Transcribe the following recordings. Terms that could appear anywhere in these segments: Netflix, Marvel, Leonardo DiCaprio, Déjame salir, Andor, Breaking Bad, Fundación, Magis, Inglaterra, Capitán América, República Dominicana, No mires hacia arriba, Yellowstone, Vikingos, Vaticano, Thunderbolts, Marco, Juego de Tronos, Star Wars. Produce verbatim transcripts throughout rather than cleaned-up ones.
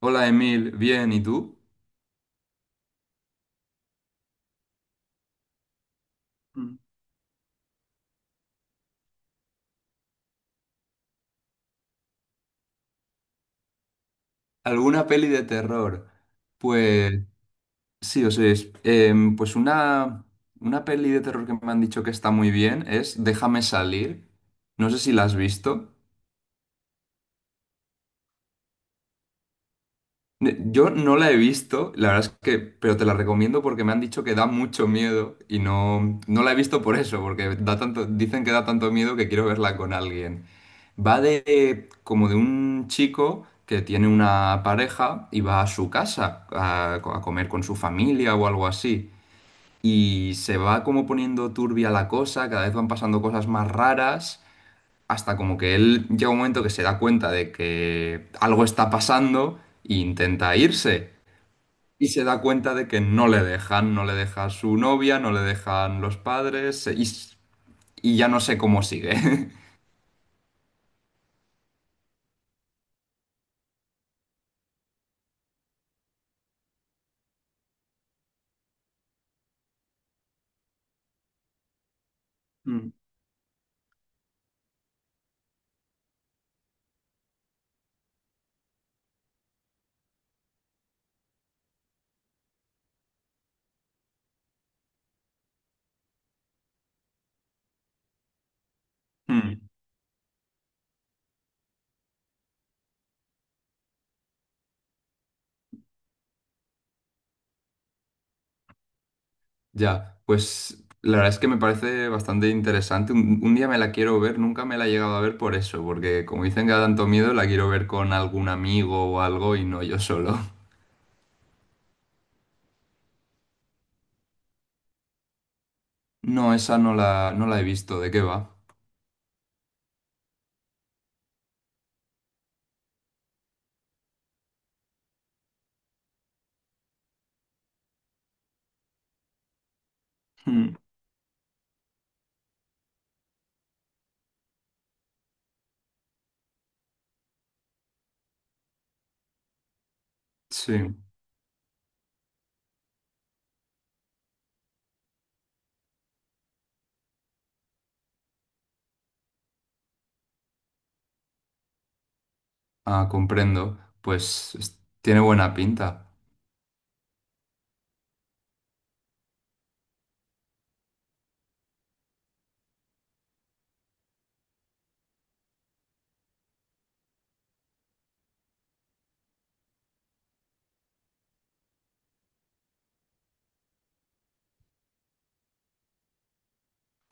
Hola Emil, bien, ¿y tú? Mm. ¿Alguna peli de terror? Pues sí, o sea, es- em, pues una, una peli de terror que me han dicho que está muy bien es Déjame salir. No sé si la has visto. Ne- Yo no la he visto, la verdad es que, pero te la recomiendo porque me han dicho que da mucho miedo y no, no la he visto por eso, porque da tanto, dicen que da tanto miedo que quiero verla con alguien. Va de como de un chico que tiene una pareja y va a su casa a, a comer con su familia o algo así. Y se va como poniendo turbia la cosa, cada vez van pasando cosas más raras, hasta como que él llega un momento que se da cuenta de que algo está pasando e intenta irse. Y se da cuenta de que no le dejan, no le deja su novia, no le dejan los padres y, s- y ya no sé cómo sigue. Mm. Mm, ya, pues la verdad es que me parece bastante interesante. Un, un día me la quiero ver, nunca me la he llegado a ver por eso, porque como dicen que da tanto miedo, la quiero ver con algún amigo o algo y no yo solo. No, esa no la, no la he visto, ¿de qué va? Mm, sí, ah, comprendo. Pues es- tiene buena pinta.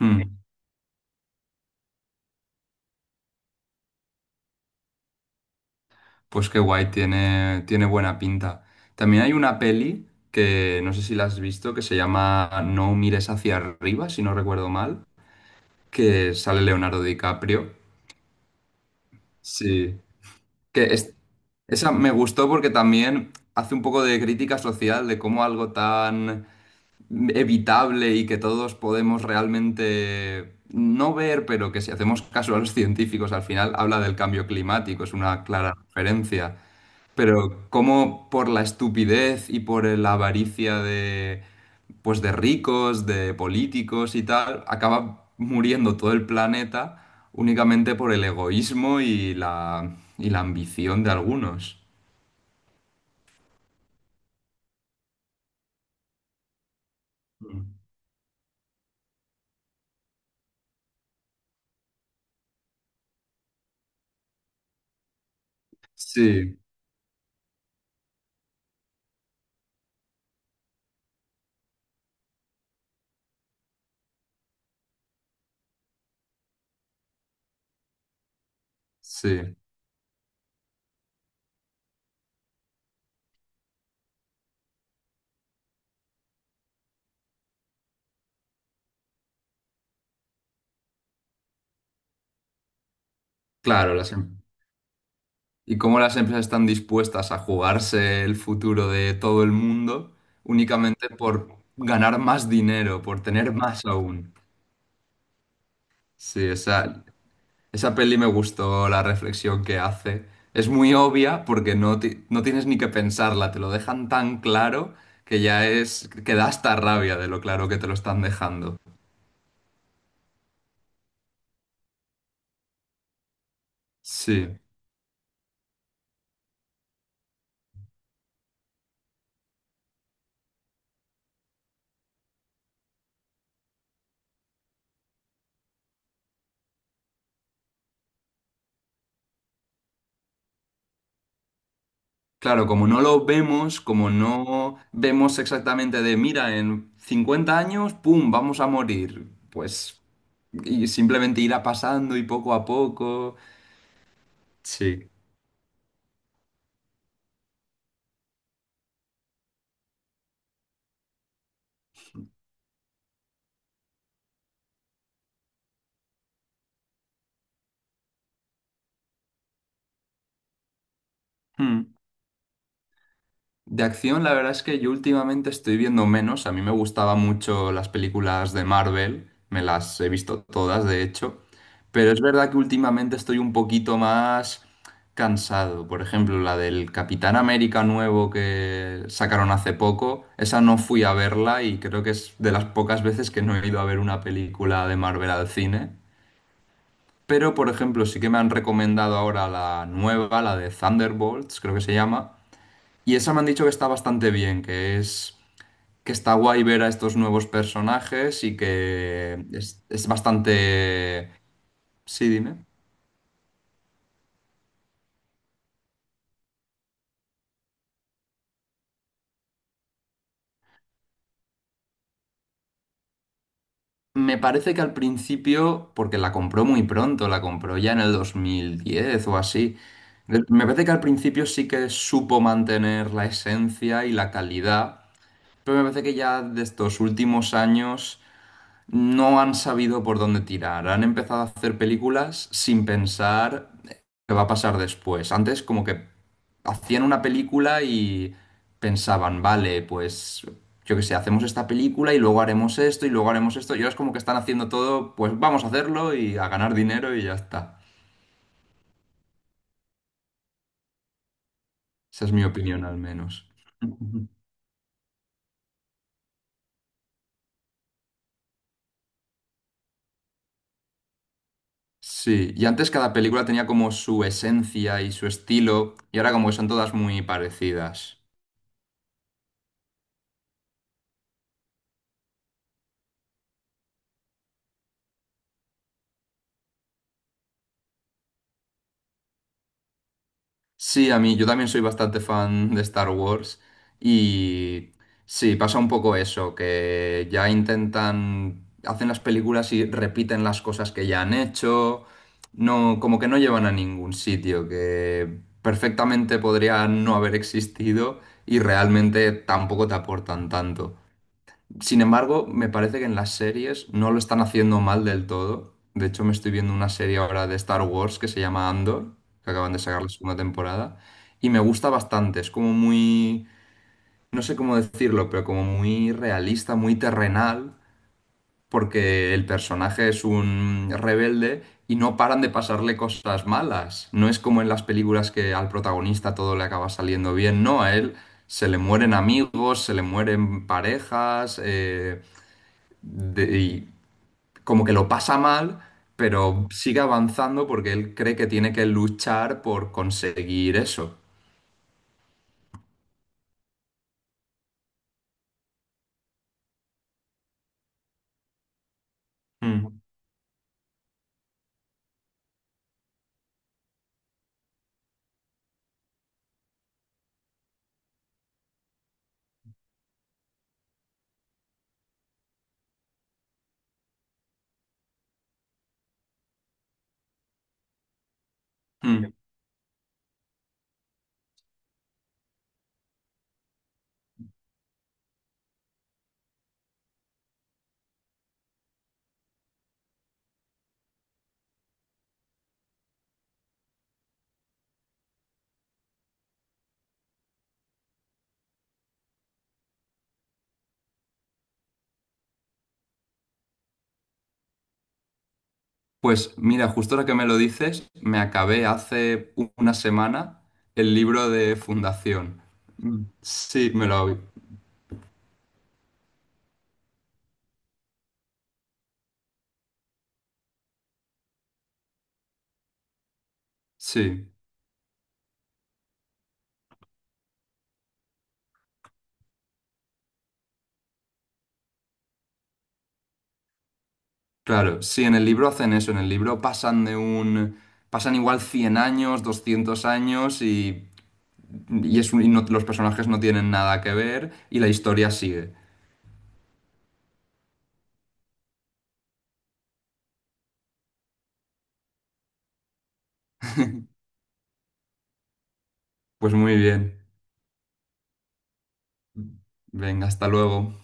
Mm. Pues qué guay, tiene, tiene buena pinta. También hay una peli que no sé si la has visto, que se llama No mires hacia arriba, si no recuerdo mal, que sale Leonardo DiCaprio. Sí. Que es- Esa me gustó porque también hace un poco de crítica social de cómo algo tan evitable y que todos podemos realmente no ver, pero que si hacemos caso a los científicos al final habla del cambio climático, es una clara referencia. Pero como por la estupidez y por la avaricia de, pues de ricos, de políticos y tal, acaba muriendo todo el planeta únicamente por el egoísmo y la, y la ambición de algunos. Mm. Sí, sí, claro. Las em- y cómo las empresas están dispuestas a jugarse el futuro de todo el mundo únicamente por ganar más dinero, por tener más aún. Sí, o sea, esa peli me gustó la reflexión que hace. Es muy obvia porque no, ti- no tienes ni que pensarla, te lo dejan tan claro que ya es, que da hasta rabia de lo claro que te lo están dejando. Sí, claro, como no lo vemos, como no vemos exactamente de, mira, en cincuenta años, ¡pum!, vamos a morir. Pues, y simplemente irá pasando y poco a poco. Sí. Hmm. De acción, la verdad es que yo últimamente estoy viendo menos. A mí me gustaban mucho las películas de Marvel, me las he visto todas, de hecho. Pero es verdad que últimamente estoy un poquito más cansado. Por ejemplo, la del Capitán América nuevo que sacaron hace poco, esa no fui a verla y creo que es de las pocas veces que no he ido a ver una película de Marvel al cine. Pero, por ejemplo, sí que me han recomendado ahora la nueva, la de Thunderbolts, creo que se llama. Y esa me han dicho que está bastante bien, que es que está guay ver a estos nuevos personajes y que es, es bastante... Sí, dime. Me parece que al principio, porque la compró muy pronto, la compró ya en el dos mil diez o así, me parece que al principio sí que supo mantener la esencia y la calidad, pero me parece que ya de estos últimos años no han sabido por dónde tirar. Han empezado a hacer películas sin pensar qué va a pasar después. Antes como que hacían una película y pensaban, vale, pues yo qué sé, hacemos esta película y luego haremos esto y luego haremos esto. Y ahora es como que están haciendo todo, pues vamos a hacerlo y a ganar dinero y ya está. Esa es mi opinión al menos. Sí, y antes cada película tenía como su esencia y su estilo, y ahora como que son todas muy parecidas. Sí, a mí, yo también soy bastante fan de Star Wars y sí, pasa un poco eso, que ya intentan, hacen las películas y repiten las cosas que ya han hecho, no, como que no llevan a ningún sitio, que perfectamente podrían no haber existido y realmente tampoco te aportan tanto. Sin embargo, me parece que en las series no lo están haciendo mal del todo. De hecho, me estoy viendo una serie ahora de Star Wars que se llama Andor, que acaban de sacar la segunda temporada, y me gusta bastante. Es como muy, no sé cómo decirlo, pero como muy realista, muy terrenal, porque el personaje es un rebelde y no paran de pasarle cosas malas. No es como en las películas que al protagonista todo le acaba saliendo bien, no, a él se le mueren amigos, se le mueren parejas. Eh, de- y como que lo pasa mal, pero sigue avanzando porque él cree que tiene que luchar por conseguir eso. Mm, mm. Pues mira, justo ahora que me lo dices, me acabé hace u- una semana el libro de Fundación. Mm, sí, me lo... Sí, claro. Sí, en el libro hacen eso, en el libro pasan de un... Pasan igual cien años, doscientos años y, y es un- y no- los personajes no tienen nada que ver y la historia sigue. Pues muy bien. Venga, hasta luego.